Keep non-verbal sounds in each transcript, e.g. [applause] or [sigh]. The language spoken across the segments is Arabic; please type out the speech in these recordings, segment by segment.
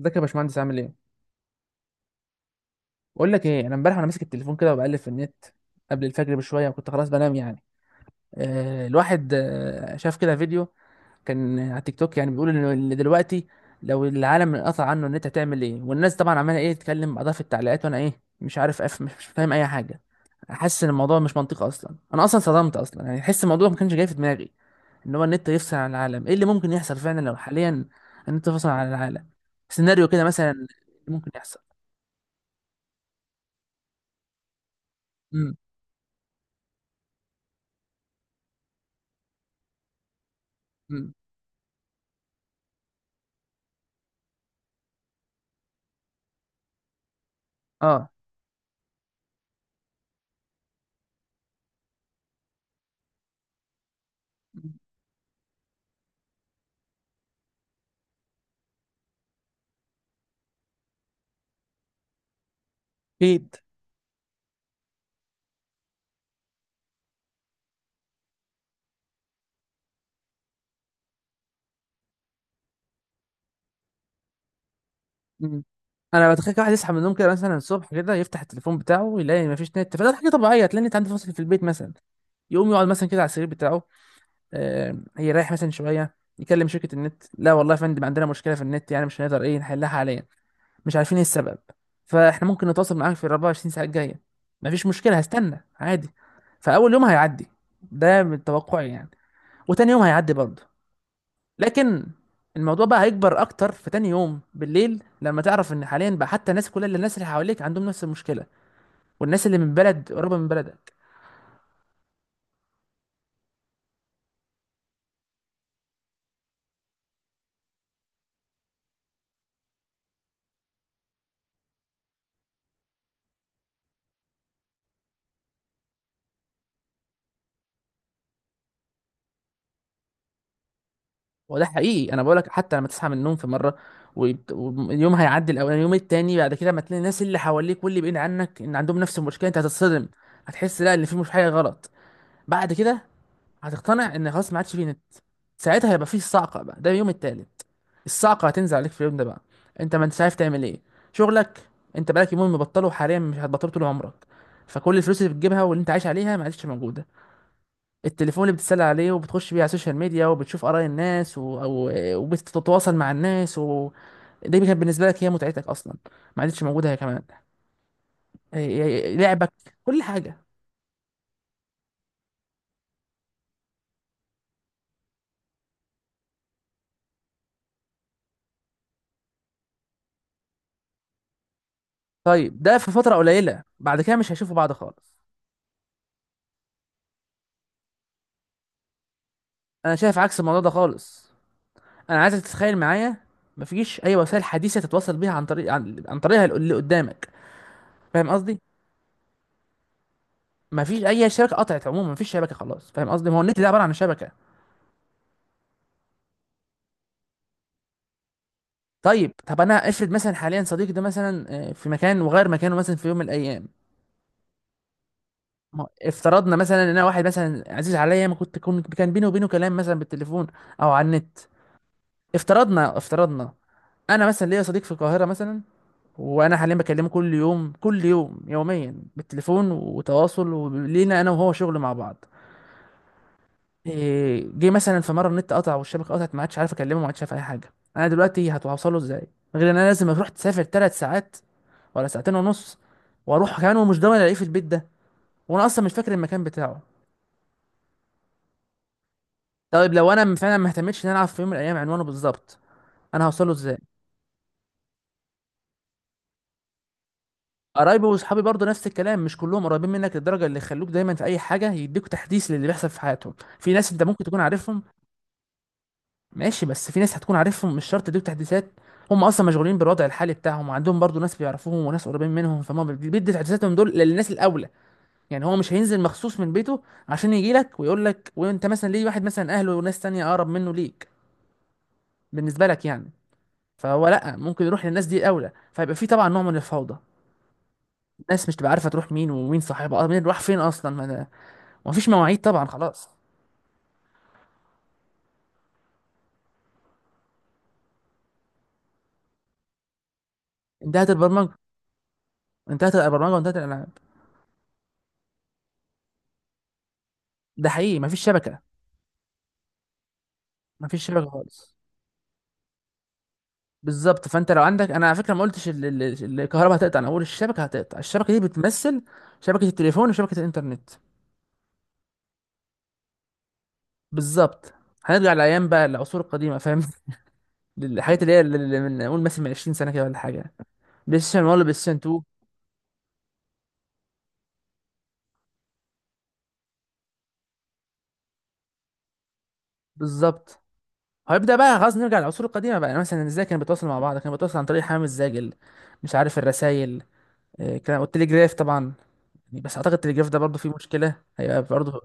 ازيك يا باشمهندس؟ عامل ايه؟ بقول لك ايه، انا امبارح وانا ماسك التليفون كده وبقلب في النت قبل الفجر بشويه، وكنت خلاص بنام يعني. الواحد شاف كده فيديو كان على تيك توك، يعني بيقول إن دلوقتي لو العالم انقطع عنه النت هتعمل ايه، والناس طبعا عماله ايه تتكلم بعضها في التعليقات، وانا ايه مش عارف مش فاهم اي حاجه. حاسس ان الموضوع مش منطقي اصلا، انا اصلا صدمت اصلا يعني، حس الموضوع ما كانش جاي في دماغي ان هو النت يفصل عن العالم. ايه اللي ممكن يحصل فعلا لو حاليا النت فصل عن العالم؟ سيناريو كده مثلا ممكن يحصل. امم إمم. اه. اكيد. مم. انا بتخيل كده واحد يصحى من النوم كده مثلا الصبح، كده يفتح التليفون بتاعه يلاقي مفيش نت، فده حاجه طبيعيه تلاقي النت عنده فاصل في البيت مثلا. يقوم يقعد مثلا كده على السرير بتاعه، يريح مثلا شويه، يكلم شركه النت: لا والله يا فندم عندنا مشكله في النت، يعني مش هنقدر ايه نحلها حاليا، مش عارفين ايه السبب، فاحنا ممكن نتواصل معاك في ال 24 ساعه الجايه. مفيش مشكله، هستنى عادي. فاول يوم هيعدي، ده من توقعي يعني، وتاني يوم هيعدي برضه. لكن الموضوع بقى هيكبر اكتر في تاني يوم بالليل، لما تعرف ان حاليا بقى حتى الناس، كل اللي الناس اللي حواليك عندهم نفس المشكله، والناس اللي من بلد قريبه من بلدك. وده حقيقي، انا بقولك حتى لما تصحى من النوم في مره، واليوم هيعدي الاولاني، اليوم التاني بعد كده ما تلاقي الناس اللي حواليك واللي بعيد عنك ان عندهم نفس المشكله، انت هتتصدم. هتحس لا ان في مش حاجه غلط. بعد كده هتقتنع ان خلاص ما عادش فيه نت. ساعتها هيبقى فيه الصعقه بقى، ده اليوم التالت. الصعقه هتنزل عليك في اليوم ده بقى. انت ما انتش عارف تعمل ايه. شغلك، انت بقالك يومين مبطله، حاليا مش هتبطله طول عمرك. فكل الفلوس اللي بتجيبها واللي انت عايش عليها ما عادش موجوده. التليفون اللي بتتسلى عليه وبتخش بيه على السوشيال ميديا وبتشوف اراء الناس وبتتواصل مع الناس دي كانت بالنسبه لك هي متعتك اصلا، ما عادش موجوده هي كمان. لعبك، كل حاجه. طيب ده في فتره قليله بعد كده مش هيشوفوا بعض خالص. انا شايف عكس الموضوع ده خالص. انا عايزك تتخيل معايا، مفيش اي وسائل حديثه تتواصل بيها عن طريق عن طريقها اللي قدامك. فاهم قصدي؟ مفيش اي شبكه، قطعت عموما، مفيش شبكه خلاص. فاهم قصدي؟ ما هو النت ده عباره عن شبكه. طيب، طب انا افرض مثلا حاليا صديقي ده مثلا، في مكان وغير مكانه مثلا في يوم من الايام. ما هو افترضنا مثلا ان انا واحد مثلا عزيز عليا، ما كنت كان بيني وبينه كلام مثلا بالتليفون او على النت. افترضنا افترضنا، انا مثلا ليا صديق في القاهره مثلا، وانا حاليا بكلمه كل يوم كل يوم يوميا بالتليفون، وتواصل، ولينا انا وهو شغل مع بعض. جه مثلا في مره النت قطع والشبكه قطعت، ما عادش عارف اكلمه، ما عادش عارف اي حاجه. انا دلوقتي هتوصله ازاي؟ غير ان انا لازم اروح تسافر ثلاث ساعات، ولا ساعتين ونص، واروح كمان ومش ضامن الاقيه في البيت ده، وانا اصلا مش فاكر المكان بتاعه. طيب لو انا فعلا ما اهتمتش ان انا اعرف في يوم من الايام عنوانه بالظبط، انا هوصله ازاي؟ قرايبي واصحابي برضه نفس الكلام، مش كلهم قريبين منك للدرجه اللي يخلوك دايما في اي حاجه، يديك تحديث للي بيحصل في حياتهم. في ناس انت ممكن تكون عارفهم. ماشي، بس في ناس هتكون عارفهم مش شرط يديك تحديثات. هم اصلا مشغولين بالوضع الحالي بتاعهم، وعندهم برضه ناس بيعرفوهم وناس قريبين منهم، فهم بيدي تحديثاتهم دول للناس الاولى. يعني هو مش هينزل مخصوص من بيته عشان يجي لك ويقول لك، وانت مثلا ليه، واحد مثلا اهله وناس تانية اقرب منه ليك بالنسبه لك يعني. فهو لا، ممكن يروح للناس دي الاولى، فيبقى في طبعا نوع من الفوضى. الناس مش تبقى عارفه تروح مين، ومين صاحبها، مين راح فين اصلا. ومفيش مواعيد طبعا، خلاص انتهت البرمجه. انتهت البرمجه وانتهت الالعاب. ده حقيقي، مفيش شبكه. مفيش شبكه خالص. بالظبط، فانت لو عندك، انا على فكره ما قلتش الكهرباء هتقطع، انا اقول الشبكه هتقطع. الشبكه دي بتمثل شبكه التليفون وشبكه الانترنت. بالظبط، هنرجع لايام بقى العصور القديمه، فاهم؟ [laughs] الحاجات اللي هي اللي من نقول مثلا من 20 سنه كده ولا حاجه. بلاي ستيشن 1، بلاي ستيشن 2. بالظبط، هيبدا بقى خلاص نرجع للعصور القديمه بقى. يعني مثلا ازاي كانوا بيتواصلوا مع بعض؟ كانوا بيتواصلوا عن طريق حمام الزاجل، مش عارف، الرسايل كان، والتليجراف طبعا. بس اعتقد التليجراف ده برضه فيه مشكله، هيبقى برضه.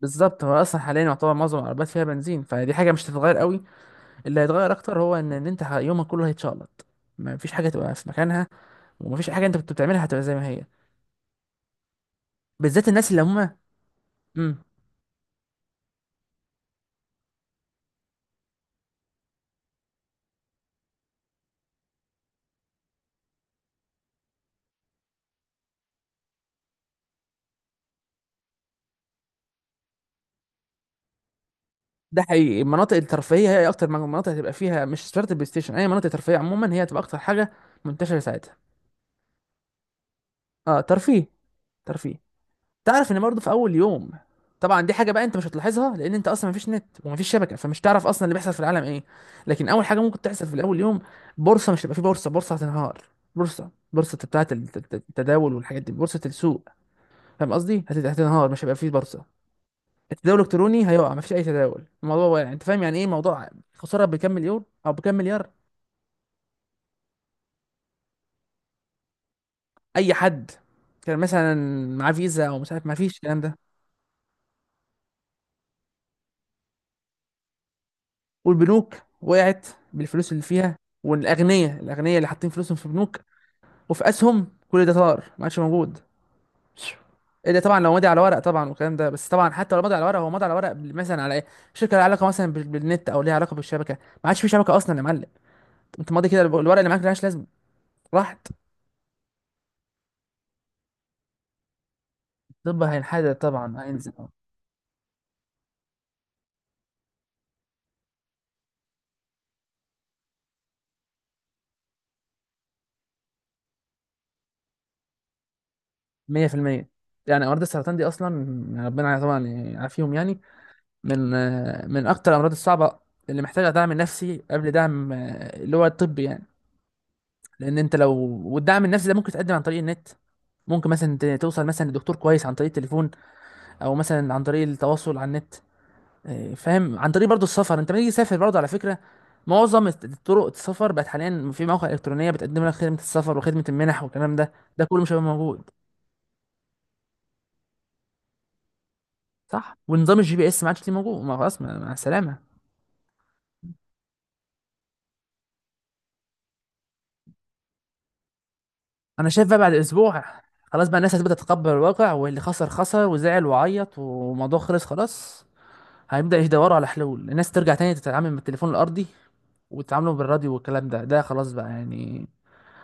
بالظبط، هو اصلا حاليا يعتبر معظم العربيات فيها بنزين، فدي حاجه مش هتتغير قوي. اللي هيتغير اكتر هو ان انت يومك كله هيتشقلط. ما فيش حاجه تبقى في مكانها، وما فيش حاجه انت كنت بتعملها هتبقى زي ما هي. بالذات الناس اللي هم، امم ده حقيقي، المناطق الترفيهيه هي اكتر مناطق هتبقى فيها، مش شرط البلاي ستيشن، اي مناطق ترفيهيه عموما هي هتبقى اكتر حاجه منتشره ساعتها. اه ترفيه، ترفيه. تعرف ان برضه في اول يوم، طبعا دي حاجه بقى انت مش هتلاحظها، لان انت اصلا مفيش نت ومفيش شبكه، فمش تعرف اصلا اللي بيحصل في العالم ايه. لكن اول حاجه ممكن تحصل في الاول يوم، بورصه مش هتبقى في بورصه، بورصه هتنهار. بورصه بتاعه التداول والحاجات دي، بورصه السوق، فاهم قصدي، هتنهار، مش هيبقى في بورصه. التداول الالكتروني هيقع، مفيش اي تداول، الموضوع واقع. انت فاهم يعني ايه موضوع خساره بكام مليون او بكام مليار؟ اي حد كان مثلا معاه فيزا او مش عارف، مفيش الكلام ده. والبنوك وقعت بالفلوس اللي فيها. والاغنياء، الاغنياء اللي حاطين فلوسهم في بنوك وفي اسهم، كل ده طار ما عادش موجود. ايه ده؟ طبعا لو مضي على ورق طبعا والكلام ده، بس طبعا حتى لو مضي على ورق، هو مضي على ورق مثلا على ايه، شركه لها علاقه مثلا بالنت، او ليها علاقه بالشبكه، ما عادش في شبكه اصلا يا معلم. انت ماضي كده، الورق اللي معاك ملهاش لازمه، راحت. طب هينحدر طبعا هينزل 100%. يعني امراض السرطان دي اصلا، ربنا طبعا يعافيهم يعني، من من اكتر الامراض الصعبه اللي محتاجه دعم نفسي قبل دعم اللي هو الطبي يعني. لان انت لو، والدعم النفسي ده ممكن تقدم عن طريق النت، ممكن مثلا توصل مثلا لدكتور كويس عن طريق التليفون، او مثلا عن طريق التواصل على النت. فاهم؟ عن طريق برضو السفر، انت لما تيجي تسافر برضو على فكره، معظم طرق السفر بقت حاليا في مواقع الكترونيه بتقدم لك خدمه السفر وخدمه المنح والكلام ده، ده كله مش هيبقى موجود. صح، ونظام الجي بي اس ما عادش ليه موجود، ما خلاص مع السلامه. انا شايف بقى بعد اسبوع، خلاص بقى الناس هتبدا تتقبل الواقع، واللي خسر خسر وزعل وعيط والموضوع خلص خلاص. هيبدا يدوروا على حلول، الناس ترجع تاني تتعامل من التليفون الارضي، وتتعاملوا بالراديو والكلام ده، ده خلاص بقى يعني.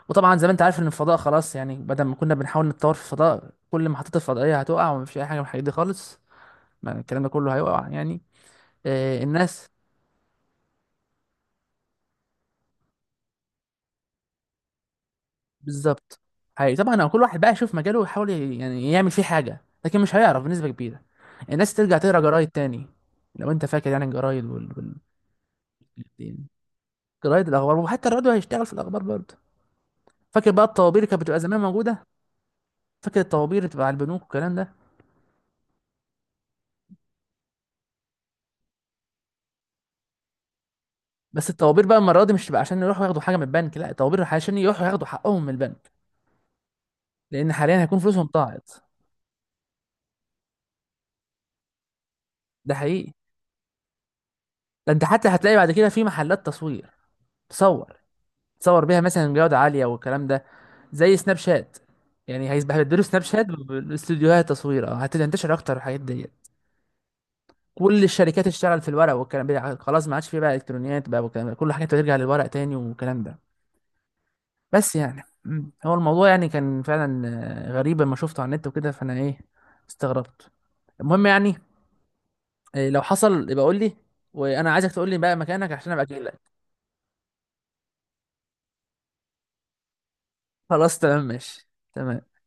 وطبعا زي ما انت عارف ان الفضاء خلاص يعني، بدل ما كنا بنحاول نتطور في الفضاء، كل محطات الفضائيه هتقع، ومفيش اي حاجه من الحاجات دي خالص. ما الكلام ده كله هيقع يعني. الناس، بالظبط. حقيقي طبعا، هو كل واحد بقى يشوف مجاله ويحاول يعني يعمل فيه حاجه، لكن مش هيعرف بنسبه كبيره. الناس ترجع تقرا جرايد تاني. لو انت فاكر يعني الجرايد يعني جرايد الاخبار، وحتى الراديو هيشتغل في الاخبار برضه. فاكر بقى الطوابير اللي كانت بتبقى زمان موجوده؟ فاكر الطوابير اللي بتبقى على البنوك والكلام ده؟ بس الطوابير بقى المره دي مش بقى عشان يروحوا ياخدوا حاجه من البنك، لا، الطوابير عشان يروحوا ياخدوا حقهم من البنك، لان حاليا هيكون فلوسهم ضاعت. ده حقيقي. ده انت حتى هتلاقي بعد كده في محلات تصوير، تصور، تصور بيها مثلا جودة عالية والكلام ده، زي سناب شات، يعني هيديله سناب شات بالاستوديوهات تصوير، اه هتنتشر اكتر الحاجات ديت. كل الشركات تشتغل في الورق والكلام ده، خلاص ما عادش فيه بقى الكترونيات بقى والكلام ده، كل حاجة ترجع للورق تاني والكلام ده. بس يعني هو الموضوع يعني كان فعلا غريب لما شفته على النت وكده، فانا ايه استغربت. المهم يعني، لو حصل يبقى قول لي، وانا عايزك تقول لي بقى مكانك عشان ابقى جاي لك. خلاص تمام، ماشي تمام.